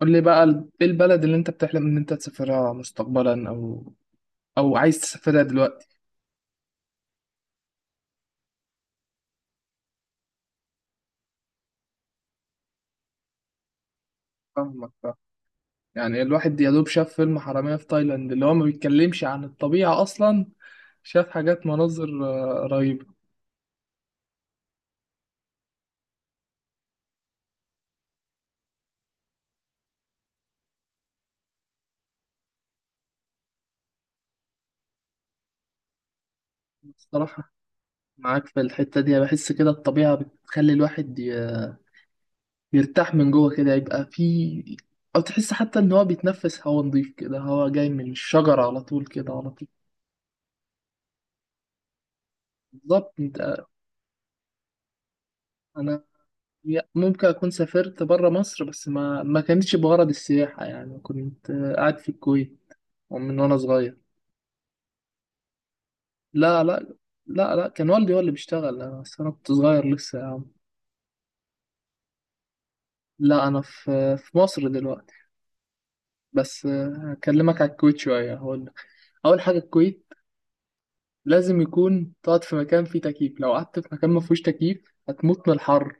قول لي بقى ايه البلد اللي انت بتحلم ان انت تسافرها مستقبلا او عايز تسافرها دلوقتي. فاهمك، يعني الواحد يا دوب شاف فيلم حرامية في تايلاند اللي هو ما بيتكلمش عن الطبيعة اصلا. شاف حاجات، مناظر رهيبة. الصراحة معاك في الحتة دي، بحس كده الطبيعة بتخلي الواحد يرتاح من جوه كده، يبقى في، او تحس حتى ان هو بيتنفس هوا نضيف كده، هوا جاي من الشجرة على طول كده، على طول. بالظبط انت. انا، ممكن أكون سافرت برا مصر بس ما كانتش بغرض السياحة، يعني كنت قاعد في الكويت من وأنا صغير. لا. لا كان والدي هو اللي بيشتغل، بس أنا كنت صغير لسه يا عم. لا، أنا في مصر دلوقتي، بس هكلمك على الكويت شوية هقول لك. أول حاجة، الكويت لازم يكون تقعد في مكان فيه تكييف، لو قعدت في مكان ما فيهوش تكييف هتموت من الحر.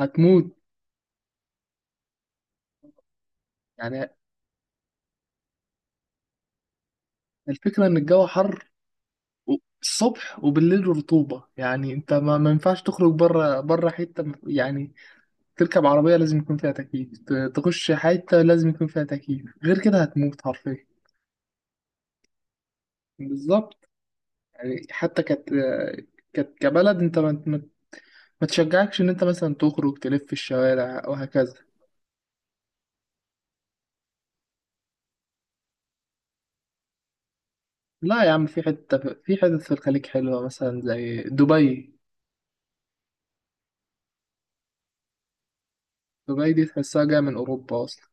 هتموت يعني. الفكرة إن الجو حر و- الصبح وبالليل رطوبة، يعني انت ما ينفعش تخرج بره، بره حتة يعني تركب عربية لازم يكون فيها تكييف، تخش حتة لازم يكون فيها تكييف، غير كده هتموت حرفيا. بالظبط. يعني حتى كت كت كبلد انت ما تشجعكش ان انت مثلا تخرج تلف في الشوارع وهكذا. لا يا عم، في حتة، في حتت في الخليج حلوة، مثلا زي دبي. دبي دي تحسها جاية من أوروبا أصلا.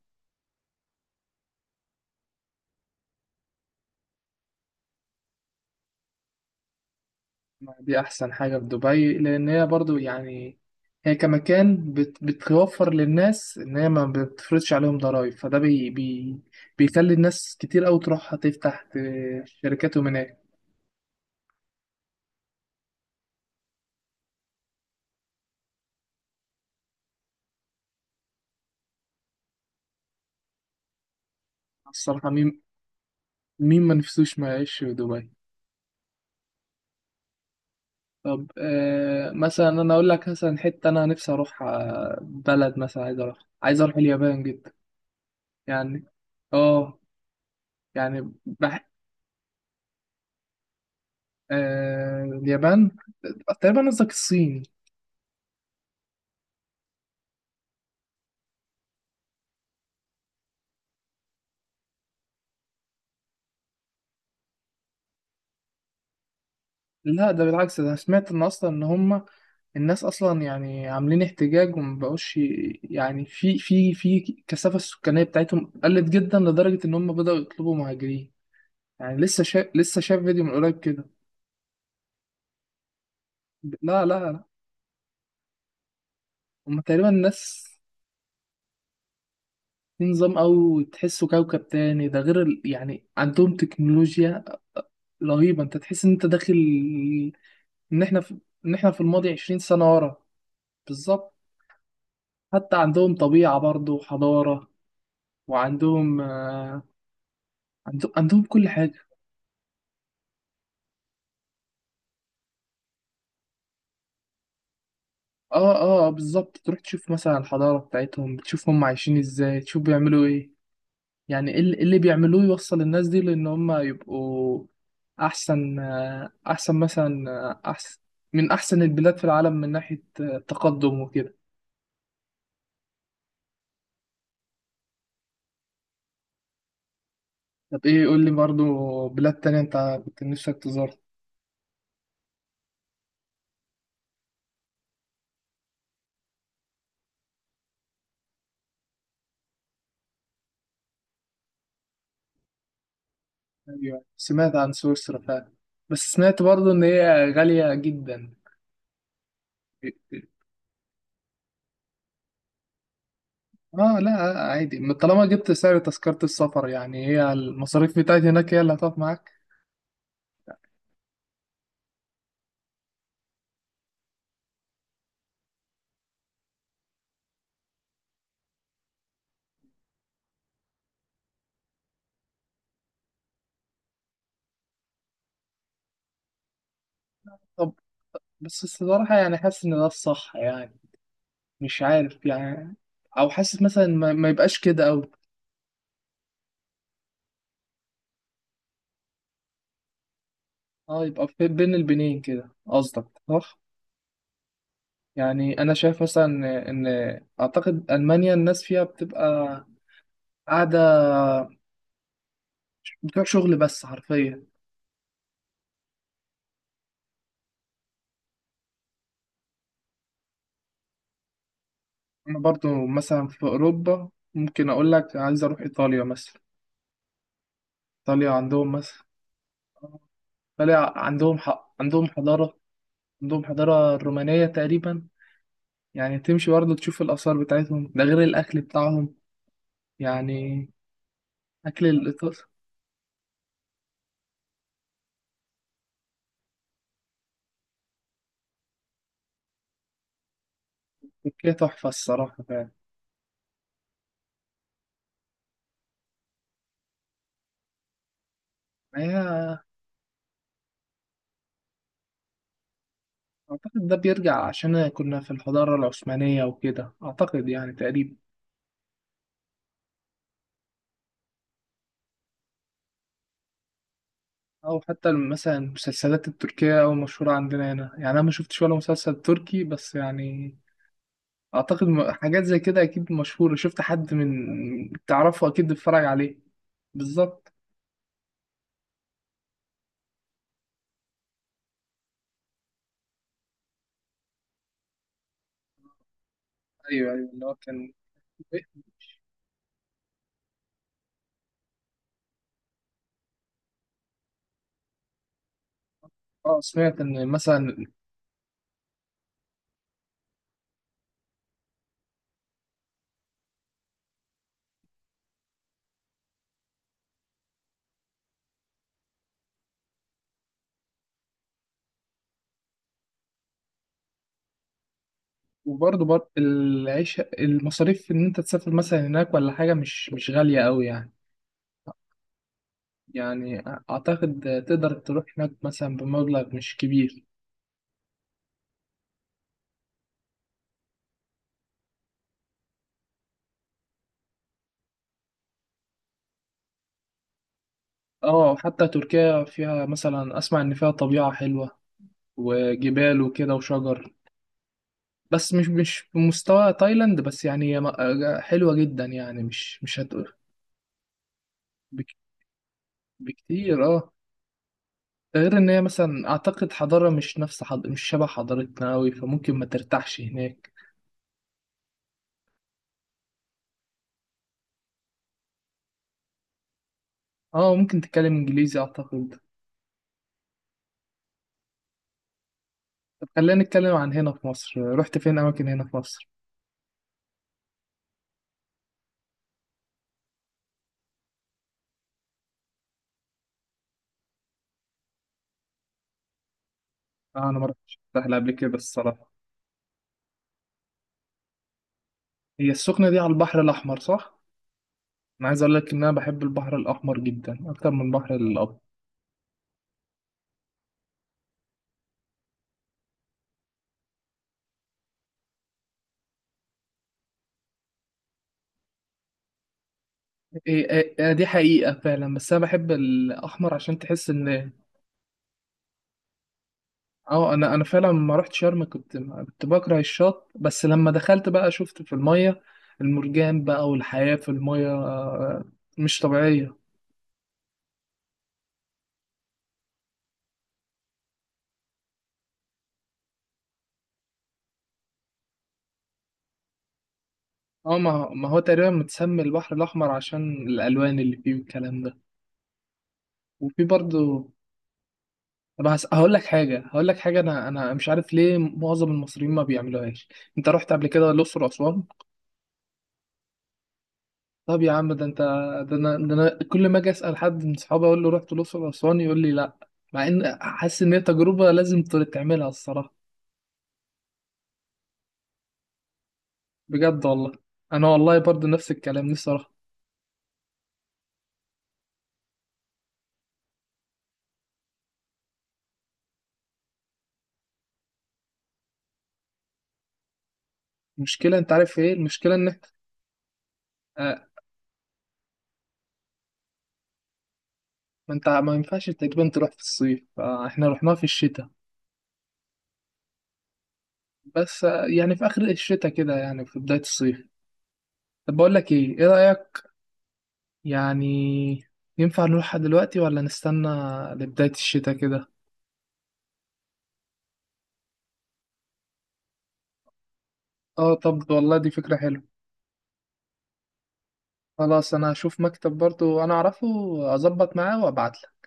دي احسن حاجه في دبي، لان هي برضو يعني هي كمكان بتوفر للناس ان هي ما بتفرضش عليهم ضرائب، فده بي بي بيخلي الناس كتير قوي تروح تفتح شركاتهم هناك. الصراحه، مين؟ مين ما نفسوش ما يعيش في دبي. طب مثلا انا اقول لك مثلا حته انا نفسي اروح بلد، مثلا عايز اروح، عايز اروح اليابان جدا يعني. اه، يعني آه، اليابان تقريبا؟ قصدك الصين؟ لا، ده بالعكس، ده أنا سمعت ان اصلا ان هم الناس اصلا يعني عاملين احتجاج وما بقوش يعني في كثافه السكانيه بتاعتهم قلت جدا لدرجه ان هم بداوا يطلبوا مهاجرين. يعني لسه شاف فيديو من قريب كده. لا، هم تقريبا الناس في نظام، او تحسه كوكب تاني، ده غير يعني عندهم تكنولوجيا رهيبه، انت تحس ان انت داخل، ان احنا في... ان احنا في الماضي 20 سنه ورا. بالظبط، حتى عندهم طبيعه برضه وحضاره، وعندهم عندهم كل حاجة. بالظبط، تروح تشوف مثلا الحضارة بتاعتهم، بتشوف هم عايشين ازاي، تشوف بيعملوا ايه، يعني ايه اللي، اللي بيعملوه يوصل الناس دي، لان هم يبقوا احسن، آه، احسن مثلا آه، احسن من احسن البلاد في العالم من ناحية تقدم وكده. طب ايه، قول لي برضو بلاد تانية انت كنت نفسك تزورها. ايوه، سمعت عن سويسرا فعلا. بس سمعت برضو ان هي غالية جدا. اه لا، عادي، ما طالما جبت سعر تذكرة السفر، يعني هي المصاريف بتاعتي هناك هي اللي هتقف معاك. طب، بس الصراحة يعني حاسس ان ده الصح يعني، مش عارف يعني، او حاسس مثلا ما يبقاش كده، او. اه، يبقى في بين البنين كده قصدك، صح؟ يعني انا شايف مثلا ان اعتقد المانيا الناس فيها بتبقى قاعدة بتوع شغل بس حرفيا. انا برضو مثلا في اوروبا ممكن اقول لك عايز اروح ايطاليا مثلا. ايطاليا عندهم مثلا، طلع عندهم حق، عندهم حضارة، عندهم حضارة رومانية تقريبا يعني، تمشي برضه تشوف الآثار بتاعتهم، ده غير الأكل بتاعهم يعني. أكل الإيطال، تركيا تحفة الصراحة فعلا. هي أعتقد ده بيرجع عشان كنا في الحضارة العثمانية وكده، أعتقد يعني تقريبا. أو حتى مثلا المسلسلات التركية أو مشهورة عندنا هنا، يعني أنا ما شفتش ولا مسلسل تركي بس يعني أعتقد حاجات زي كده أكيد مشهورة، شفت حد من تعرفه أكيد بيتفرج عليه. بالظبط. ايوه ايوه، اللي هو كان. اه سمعت ان مثلا، العيش، المصاريف ان انت تسافر مثلا هناك ولا حاجه، مش مش غاليه قوي يعني. يعني اعتقد تقدر تروح هناك مثلا بمبلغ مش كبير. اه، حتى تركيا فيها مثلا، اسمع ان فيها طبيعه حلوه وجبال وكده وشجر، بس مش مش بمستوى تايلاند، بس يعني هي حلوه جدا يعني، مش مش هتقول بك... بكتير اه. غير ان هي مثلا اعتقد حضارة مش نفس مش شبه حضارتنا قوي، فممكن ما ترتاحش هناك. اه ممكن تتكلم انجليزي اعتقد. طب خلينا نتكلم عن هنا في مصر، رحت فين اماكن هنا في مصر؟ آه انا ما رحتش الساحل قبل كده الصراحة. هي السخنة دي على البحر الاحمر، صح؟ انا عايز اقول لك ان انا بحب البحر الاحمر جدا اكتر من البحر الابيض. إيه، دي حقيقة فعلا، بس انا بحب الاحمر عشان تحس ان. اه انا، فعلا لما رحت شرم كنت بكره الشط، بس لما دخلت بقى شفت في الميه المرجان بقى والحياه في الميه، مش طبيعيه. اه، ما ما هو تقريبا متسمي البحر الاحمر عشان الالوان اللي فيه والكلام ده. وفي برضو. طب هقول لك حاجه، انا مش عارف ليه معظم المصريين ما بيعملوهاش، انت رحت قبل كده الاقصر واسوان؟ طب يا عم ده انت، ده انا كل ما اجي اسال حد من صحابي اقول له رحت الاقصر واسوان يقول لي لا، مع ان حاسس ان هي تجربه لازم تعملها الصراحه. بجد والله. انا والله برضو نفس الكلام، نفسي اروح. المشكله، انت عارف ايه المشكله، آه، ما انت ما ينفعش تقريبا تروح في الصيف، فاحنا رحناها في الشتاء. بس يعني في اخر الشتاء كده يعني في بدايه الصيف. طب بقول لك ايه، ايه رايك يعني، ينفع نروحها دلوقتي ولا نستنى لبدايه الشتاء كده؟ اه طب والله دي فكره حلوه. خلاص انا هشوف مكتب برضو انا اعرفه، اظبط معاه وابعت لك.